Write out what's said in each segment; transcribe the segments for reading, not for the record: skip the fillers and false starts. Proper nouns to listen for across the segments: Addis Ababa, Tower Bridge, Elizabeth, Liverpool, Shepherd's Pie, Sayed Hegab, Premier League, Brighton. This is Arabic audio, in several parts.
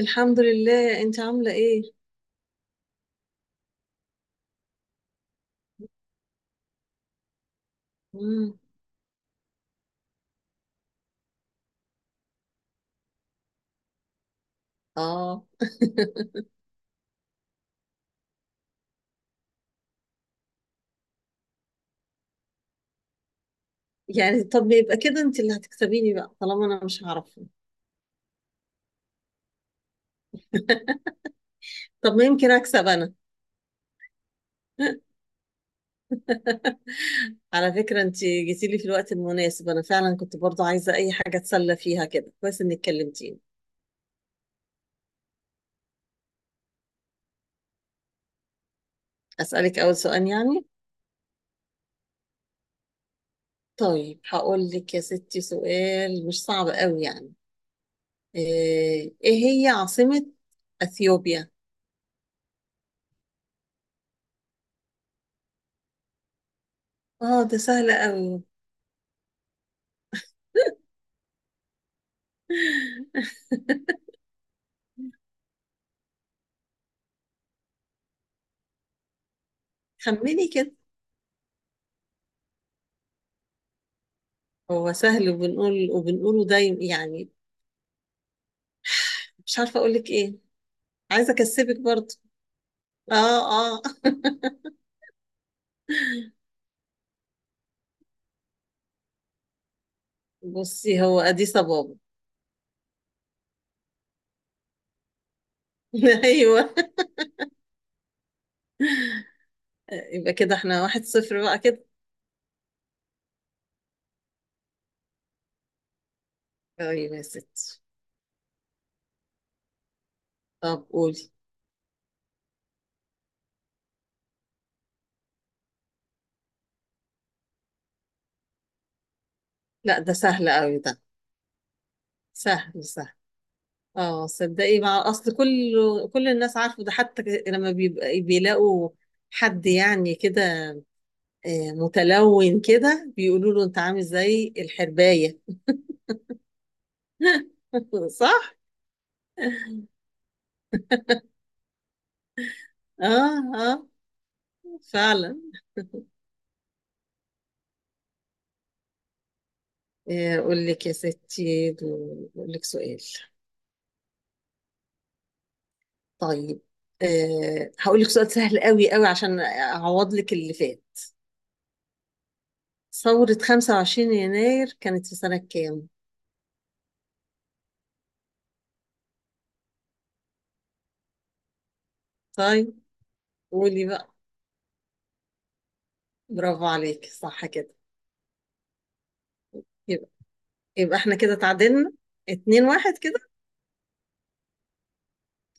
الحمد لله، انت عامله ايه؟ مم. اه. يعني طب يبقى كده انت اللي هتكسبيني بقى طالما انا مش هعرفه. طب ما يمكن اكسب انا. على فكره انت جيتي لي في الوقت المناسب، انا فعلا كنت برضو عايزه اي حاجه اتسلى فيها كده، كويس انك كلمتيني. اسالك اول سؤال يعني؟ طيب هقول لك يا ستي سؤال مش صعب قوي يعني. ايه هي عاصمه اثيوبيا؟ اه ده سهل قوي. خمني كده. هو سهل وبنقول وبنقوله دايما يعني. مش عارفة اقول لك ايه، عايزة اكسبك برضه. اه. اه بصي، هو اديس بابا. ايوه. يبقى كده احنا واحد صفر بقى كده. طيب يا ستي. طب قولي. لا ده سهل قوي ده. سهل. اه صدقي، مع اصل كل الناس عارفه ده حتى، لما بيبقى بيلاقوا حد يعني كده متلون كده، بيقولوا له انت عامل زي الحرباية. صح؟ اه. آه. فعلا. اقول لك يا ستي اقول لك سؤال. طيب، هقول لك سؤال سهل قوي قوي عشان اعوض لك اللي فات. ثورة 25 يناير كانت في سنة كام؟ طيب قولي بقى. برافو عليك، صح كده. يبقى احنا كده تعادلنا، اتنين واحد كده.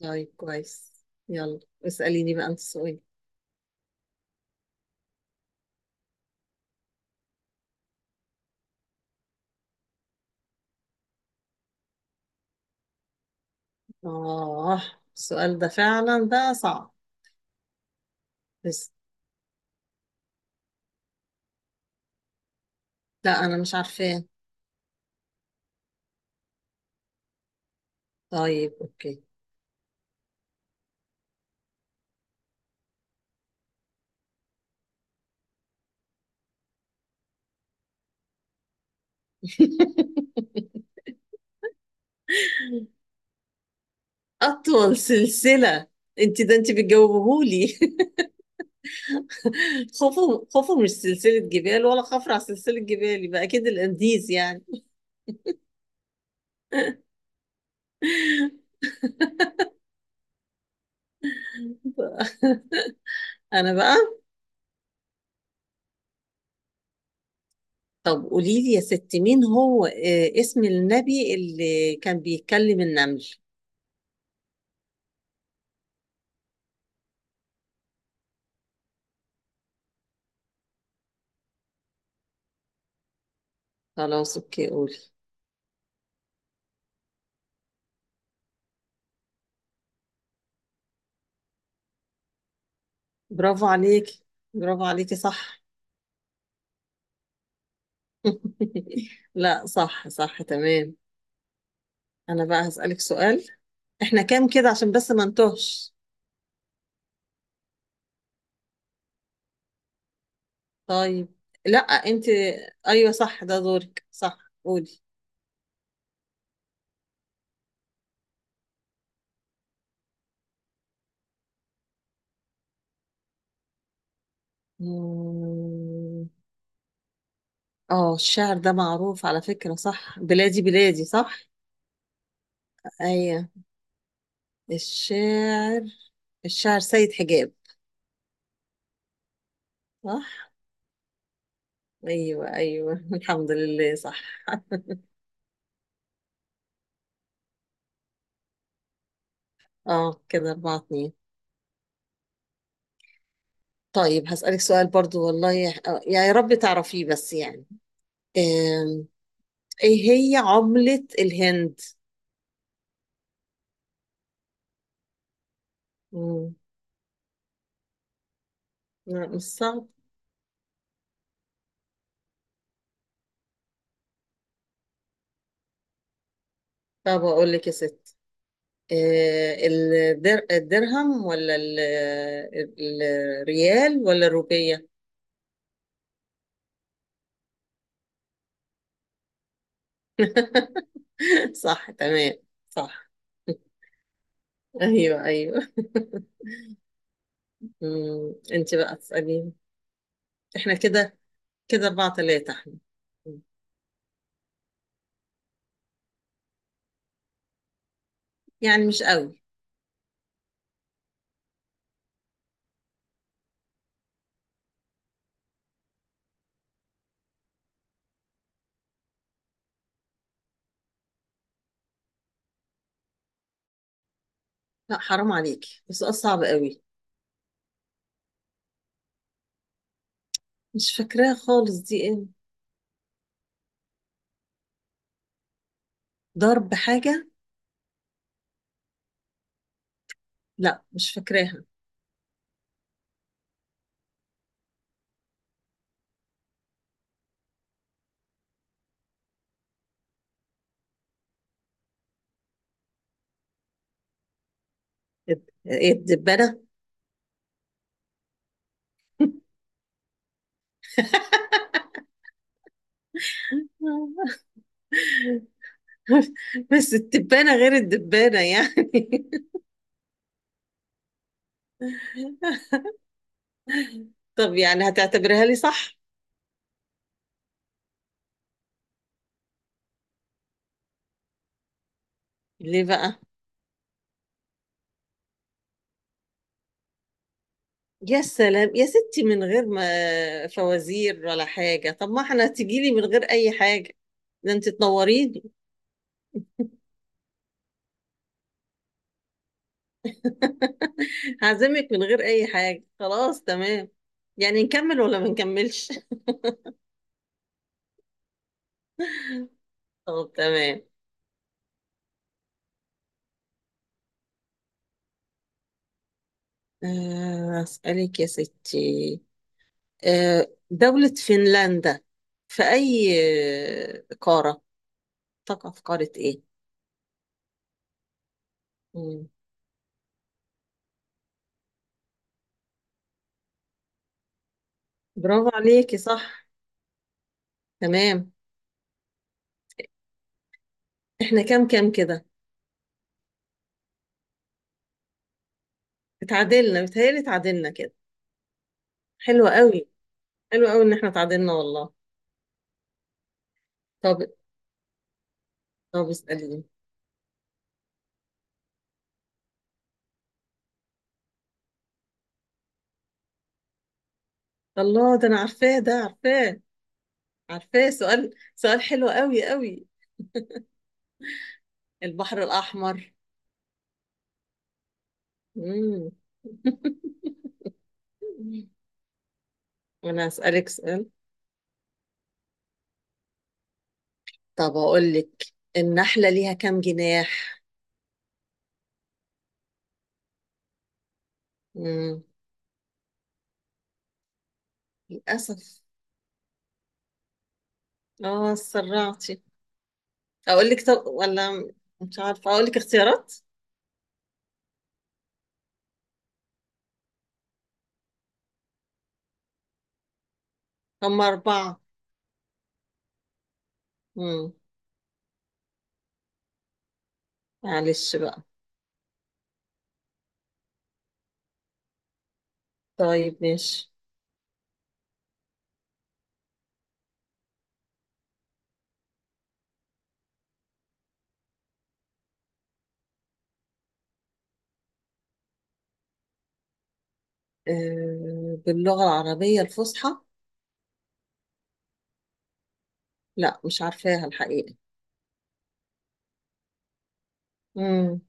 طيب كويس. يلا اسأليني بقى انت سؤال. اه، السؤال ده فعلا بقى صعب. بس لا انا مش عارفاه. طيب اوكي. اطول سلسله؟ انت ده انت بتجاوبهولي. خوفه خوفه مش سلسله جبال، ولا خفر على سلسله جبال، يبقى اكيد الانديز يعني. انا بقى. طب قولي لي يا ست، مين هو اسم النبي اللي كان بيتكلم النمل. خلاص اوكي قولي. برافو عليكي. برافو عليكي صح. لا صح صح تمام. انا بقى هسألك سؤال. احنا كام كده عشان بس ما نتوهش. طيب. لا انت، ايوه صح ده دورك صح. قولي. مم. اه الشعر ده معروف على فكرة، صح؟ بلادي بلادي، صح؟ ايوه. الشاعر، سيد حجاب. صح. ايوه ايوه، الحمد لله صح. اه كده اربعة اتنين. طيب هسألك سؤال برضو، والله يا يعني يا رب تعرفيه بس يعني. آم، ايه هي عملة الهند؟ مم. لا مش صعب. طب اقول لك يا ستي، آه، الدرهم ولا ال- الريال ولا الروبية؟ صح تمام. صح. ايوه ايوه. مم، انت بقى تسألين. احنا كده، اربعة تلاتة احنا. يعني مش قوي. لا حرام عليكي، بس سؤال صعب قوي. مش فاكراها خالص، دي ايه؟ ضرب حاجة؟ لا مش فاكراها. ايه الدبانة؟ بس التبانة غير الدبانة يعني. طب يعني هتعتبرها لي صح؟ ليه بقى؟ يا سلام يا ستي، من غير ما فوازير ولا حاجة، طب ما احنا تجيلي من غير أي حاجة. ده انت تنوريني. هعزمك من غير أي حاجة، خلاص تمام. يعني نكمل ولا ما نكملش؟ طب تمام. أسألك يا ستي. دولة فنلندا في أي قارة، تقع في قارة إيه؟ مم. برافو عليكي، صح تمام. احنا كام كام كده؟ اتعادلنا بيتهيألي، اتعادلنا كده. حلوة قوي، ان احنا اتعادلنا والله. طب، اسأليني. الله ده انا عارفاه، ده عارفاه. عارفاه، سؤال حلو قوي قوي. البحر الأحمر. مم. انا هسألك سؤال. طب اقول لك، النحلة ليها كام جناح؟ مم. للأسف. اه سرعتي. اقول لك طب، ولا مش عارفة اقول لك اختيارات. هم أربعة. مم. معلش بقى. طيب ماشي. باللغة العربية الفصحى؟ لا مش عارفاها الحقيقة. مم.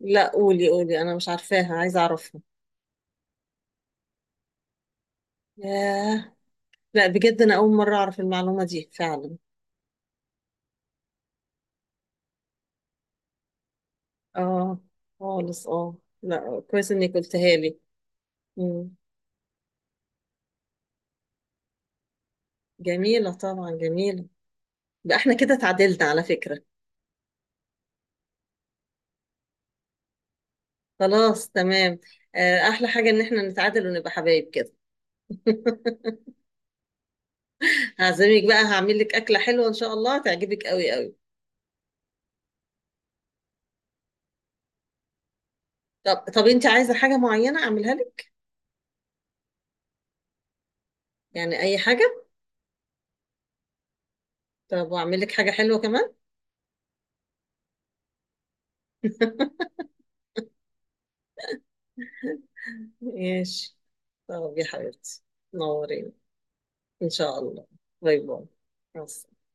لا قولي قولي، أنا مش عارفاها عايزة أعرفها. ياه. لا بجد، أنا أول مرة أعرف المعلومة دي فعلا. آه خالص. آه لا كويس إنك قلتها لي. مم. جميلة طبعا جميلة. ده إحنا كده تعادلنا على فكرة. خلاص تمام. أحلى حاجة إن إحنا نتعادل ونبقى حبايب كده. هعزمك بقى، هعمل لك أكلة حلوة إن شاء الله تعجبك قوي قوي. طب، أنت عايزة حاجة معينة أعملها لك؟ يعني اي حاجه. طب واعمل لك حاجه حلوه كمان. ماشي. طب يا حبيبتي، نورين. ان شاء الله. باي باي. مع السلامة.